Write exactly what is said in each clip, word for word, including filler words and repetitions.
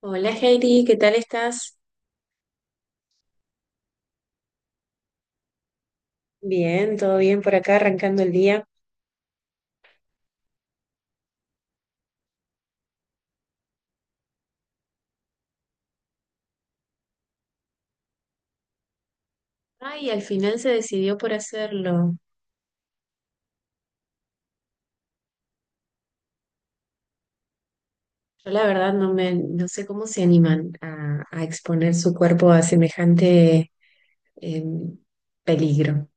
Hola Heidi, ¿qué tal estás? Bien, todo bien por acá, arrancando el día. Ay, al final se decidió por hacerlo. Yo la verdad no me, no sé cómo se animan a, a exponer su cuerpo a semejante em, peligro.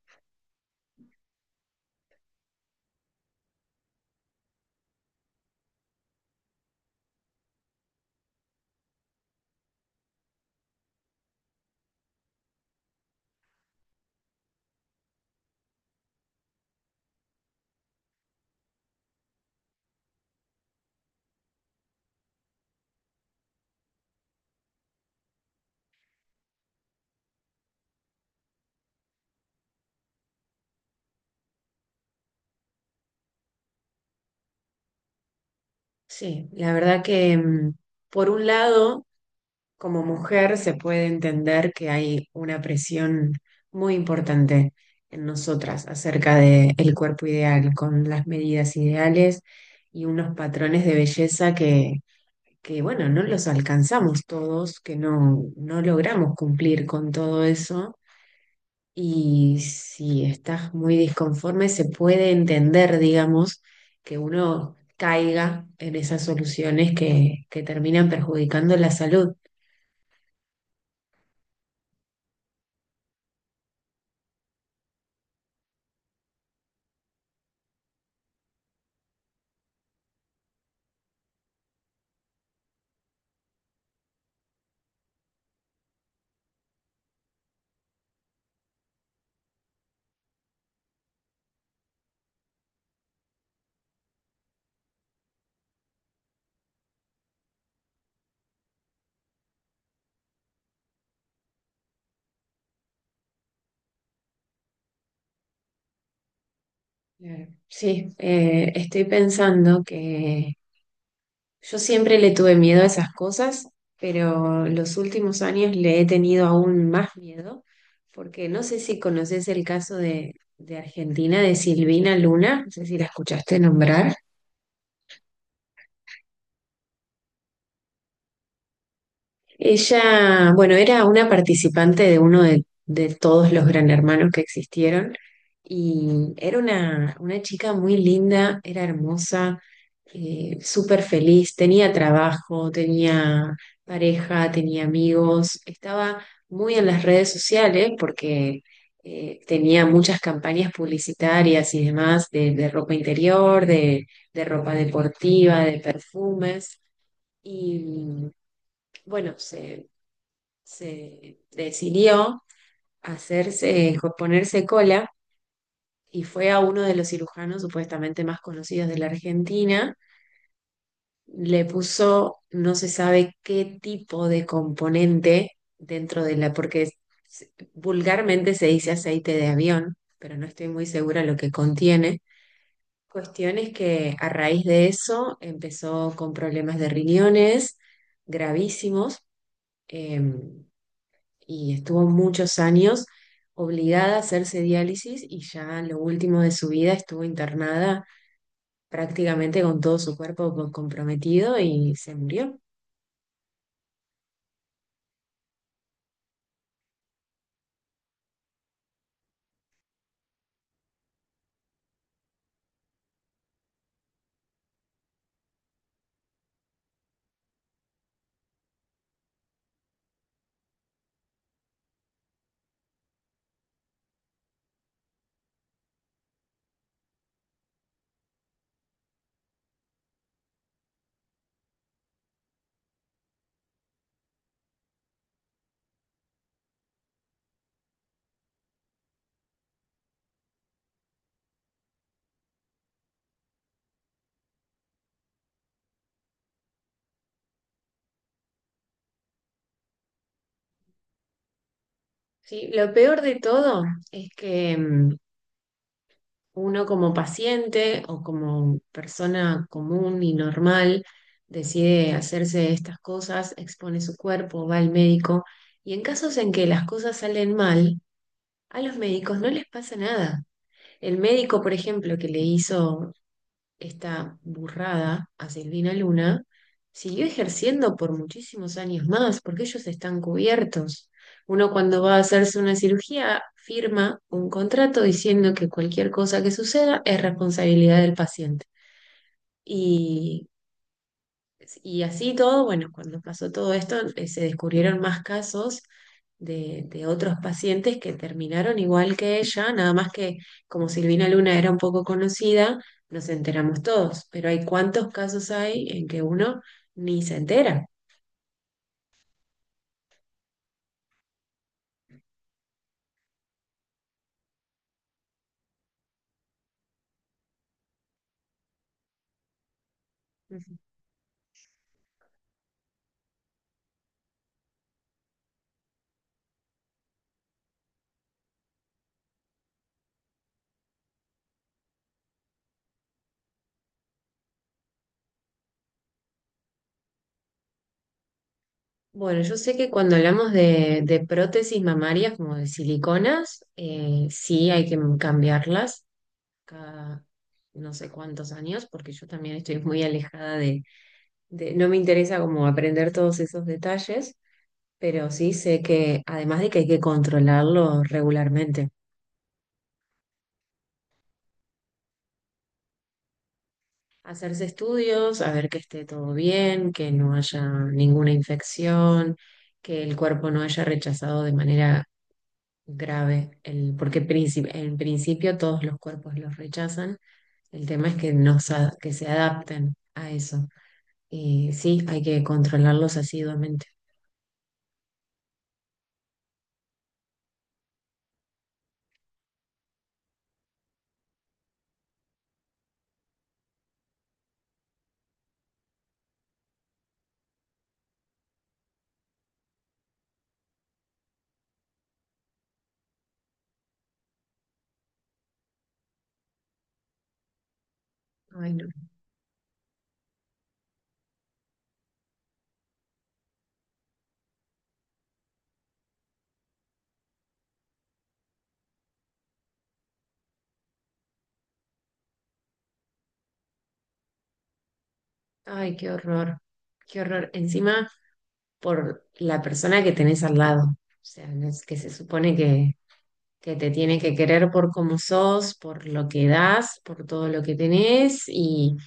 Sí, la verdad que em, por un lado como mujer se puede entender que hay una presión muy importante en nosotras acerca del cuerpo ideal, con las medidas ideales y unos patrones de belleza que, que, bueno, no los alcanzamos todos, que no, no logramos cumplir con todo eso. Y si estás muy disconforme, se puede entender, digamos, que uno caiga en esas soluciones que, que terminan perjudicando la salud. Claro. Sí, eh, estoy pensando que yo siempre le tuve miedo a esas cosas, pero los últimos años le he tenido aún más miedo, porque no sé si conoces el caso de, de Argentina, de Silvina Luna, no sé si la escuchaste nombrar. Ella, bueno, era una participante de uno de, de todos los Gran Hermanos que existieron y era una, una chica muy linda, era hermosa, eh, súper feliz, tenía trabajo, tenía pareja, tenía amigos, estaba muy en las redes sociales porque eh, tenía muchas campañas publicitarias y demás de, de ropa interior, de, de ropa deportiva, de perfumes. Y bueno, se, se decidió hacerse, eh, ponerse cola y fue a uno de los cirujanos supuestamente más conocidos de la Argentina. Le puso no se sabe qué tipo de componente dentro de la, porque se- vulgarmente se dice aceite de avión, pero no estoy muy segura lo que contiene. Cuestiones que a raíz de eso empezó con problemas de riñones gravísimos. em, y estuvo muchos años obligada a hacerse diálisis y ya en lo último de su vida estuvo internada prácticamente con todo su cuerpo co- comprometido y se murió. Sí, lo peor de todo es que mm, uno como paciente o como persona común y normal decide hacerse estas cosas, expone su cuerpo, va al médico y en casos en que las cosas salen mal, a los médicos no les pasa nada. El médico, por ejemplo, que le hizo esta burrada a Silvina Luna, siguió ejerciendo por muchísimos años más, porque ellos están cubiertos. Uno cuando va a hacerse una cirugía firma un contrato diciendo que cualquier cosa que suceda es responsabilidad del paciente. Y y así todo, bueno, cuando pasó todo esto, eh, se descubrieron más casos de, de otros pacientes que terminaron igual que ella, nada más que como Silvina Luna era un poco conocida, nos enteramos todos, pero hay cuántos casos hay en que uno ni se entera. Ujú. Bueno, yo sé que cuando hablamos de, de prótesis mamarias como de siliconas, eh, sí hay que cambiarlas cada no sé cuántos años, porque yo también estoy muy alejada de- no me interesa como aprender todos esos detalles, pero sí sé que además de que hay que controlarlo regularmente, hacerse estudios, a ver que esté todo bien, que no haya ninguna infección, que el cuerpo no haya rechazado de manera grave, el, porque princip- en principio todos los cuerpos los rechazan, el tema es que, no, sa- que se adapten a eso. Y sí, hay que controlarlos asiduamente. Ay, no. Ay, qué horror. Qué horror. Encima por la persona que tenés al lado. O sea, no es que se supone que, que te tiene que querer por cómo sos, por lo que das, por todo lo que tenés y,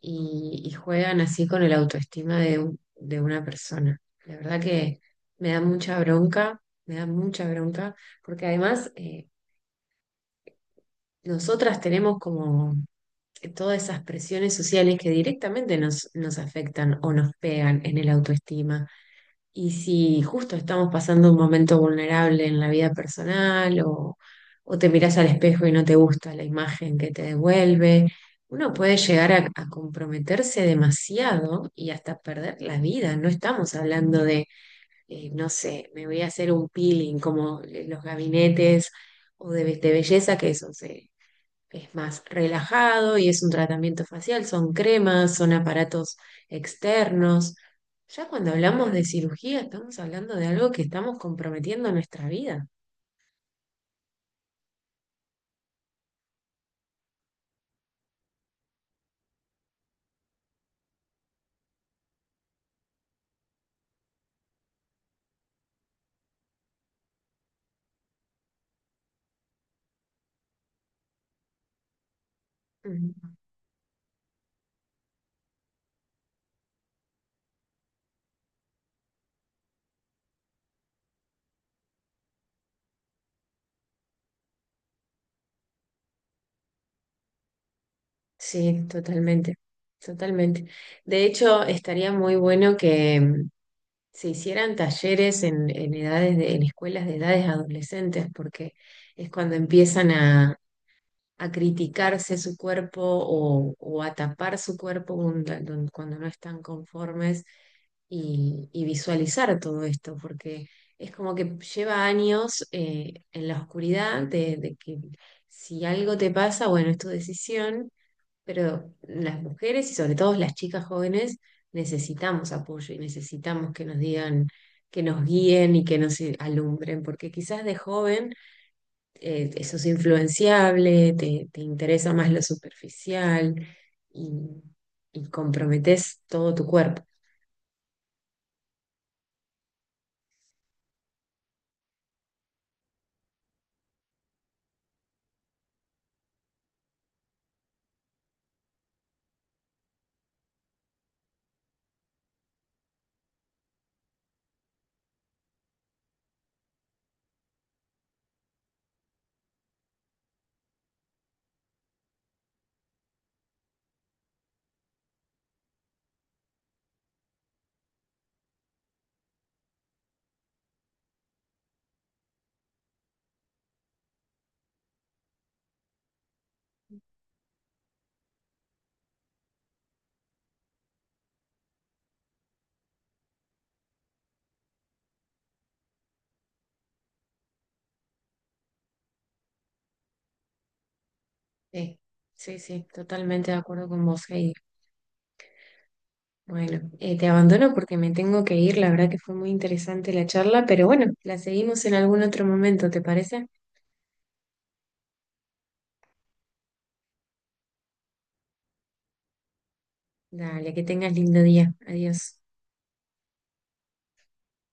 y- y juegan así con el autoestima de, un- de una persona. La verdad que me da mucha bronca, me da mucha bronca, porque además eh, nosotras tenemos como todas esas presiones sociales que directamente nos, nos afectan o nos pegan en el autoestima. Y si justo estamos pasando un momento vulnerable en la vida personal o, o te mirás al espejo y no te gusta la imagen que te devuelve, uno puede llegar a, a comprometerse demasiado y hasta perder la vida. No estamos hablando de, eh, no sé, me voy a hacer un peeling como eh, los gabinetes o de, be- de belleza que eso se, es más relajado y es un tratamiento facial, son cremas, son aparatos externos. Ya cuando hablamos de cirugía, estamos hablando de algo que estamos comprometiendo nuestra vida. Ujú. Sí, totalmente, totalmente. De hecho, estaría muy bueno que mm, se hicieran talleres en, en edades de- en escuelas de edades adolescentes, porque es cuando empiezan a a criticarse su cuerpo o, o a tapar su cuerpo cuando, don- cuando no están conformes y, y visualizar todo esto, porque es como que lleva años eh, en la oscuridad de, de que si algo te pasa, bueno, es tu decisión, pero las mujeres y sobre todo las chicas jóvenes necesitamos apoyo y necesitamos que nos digan, que nos guíen y que nos alumbren, porque quizás de joven eh, sos influenciable, te, te interesa más lo superficial y, y comprometes todo tu cuerpo. Sí, sí, sí, totalmente de acuerdo con vos, Heidi. Bueno, eh, te abandono porque me tengo que ir. La verdad que fue muy interesante la charla, pero bueno, la seguimos en algún otro momento, ¿te parece? Dale, que tengas lindo día. Adiós.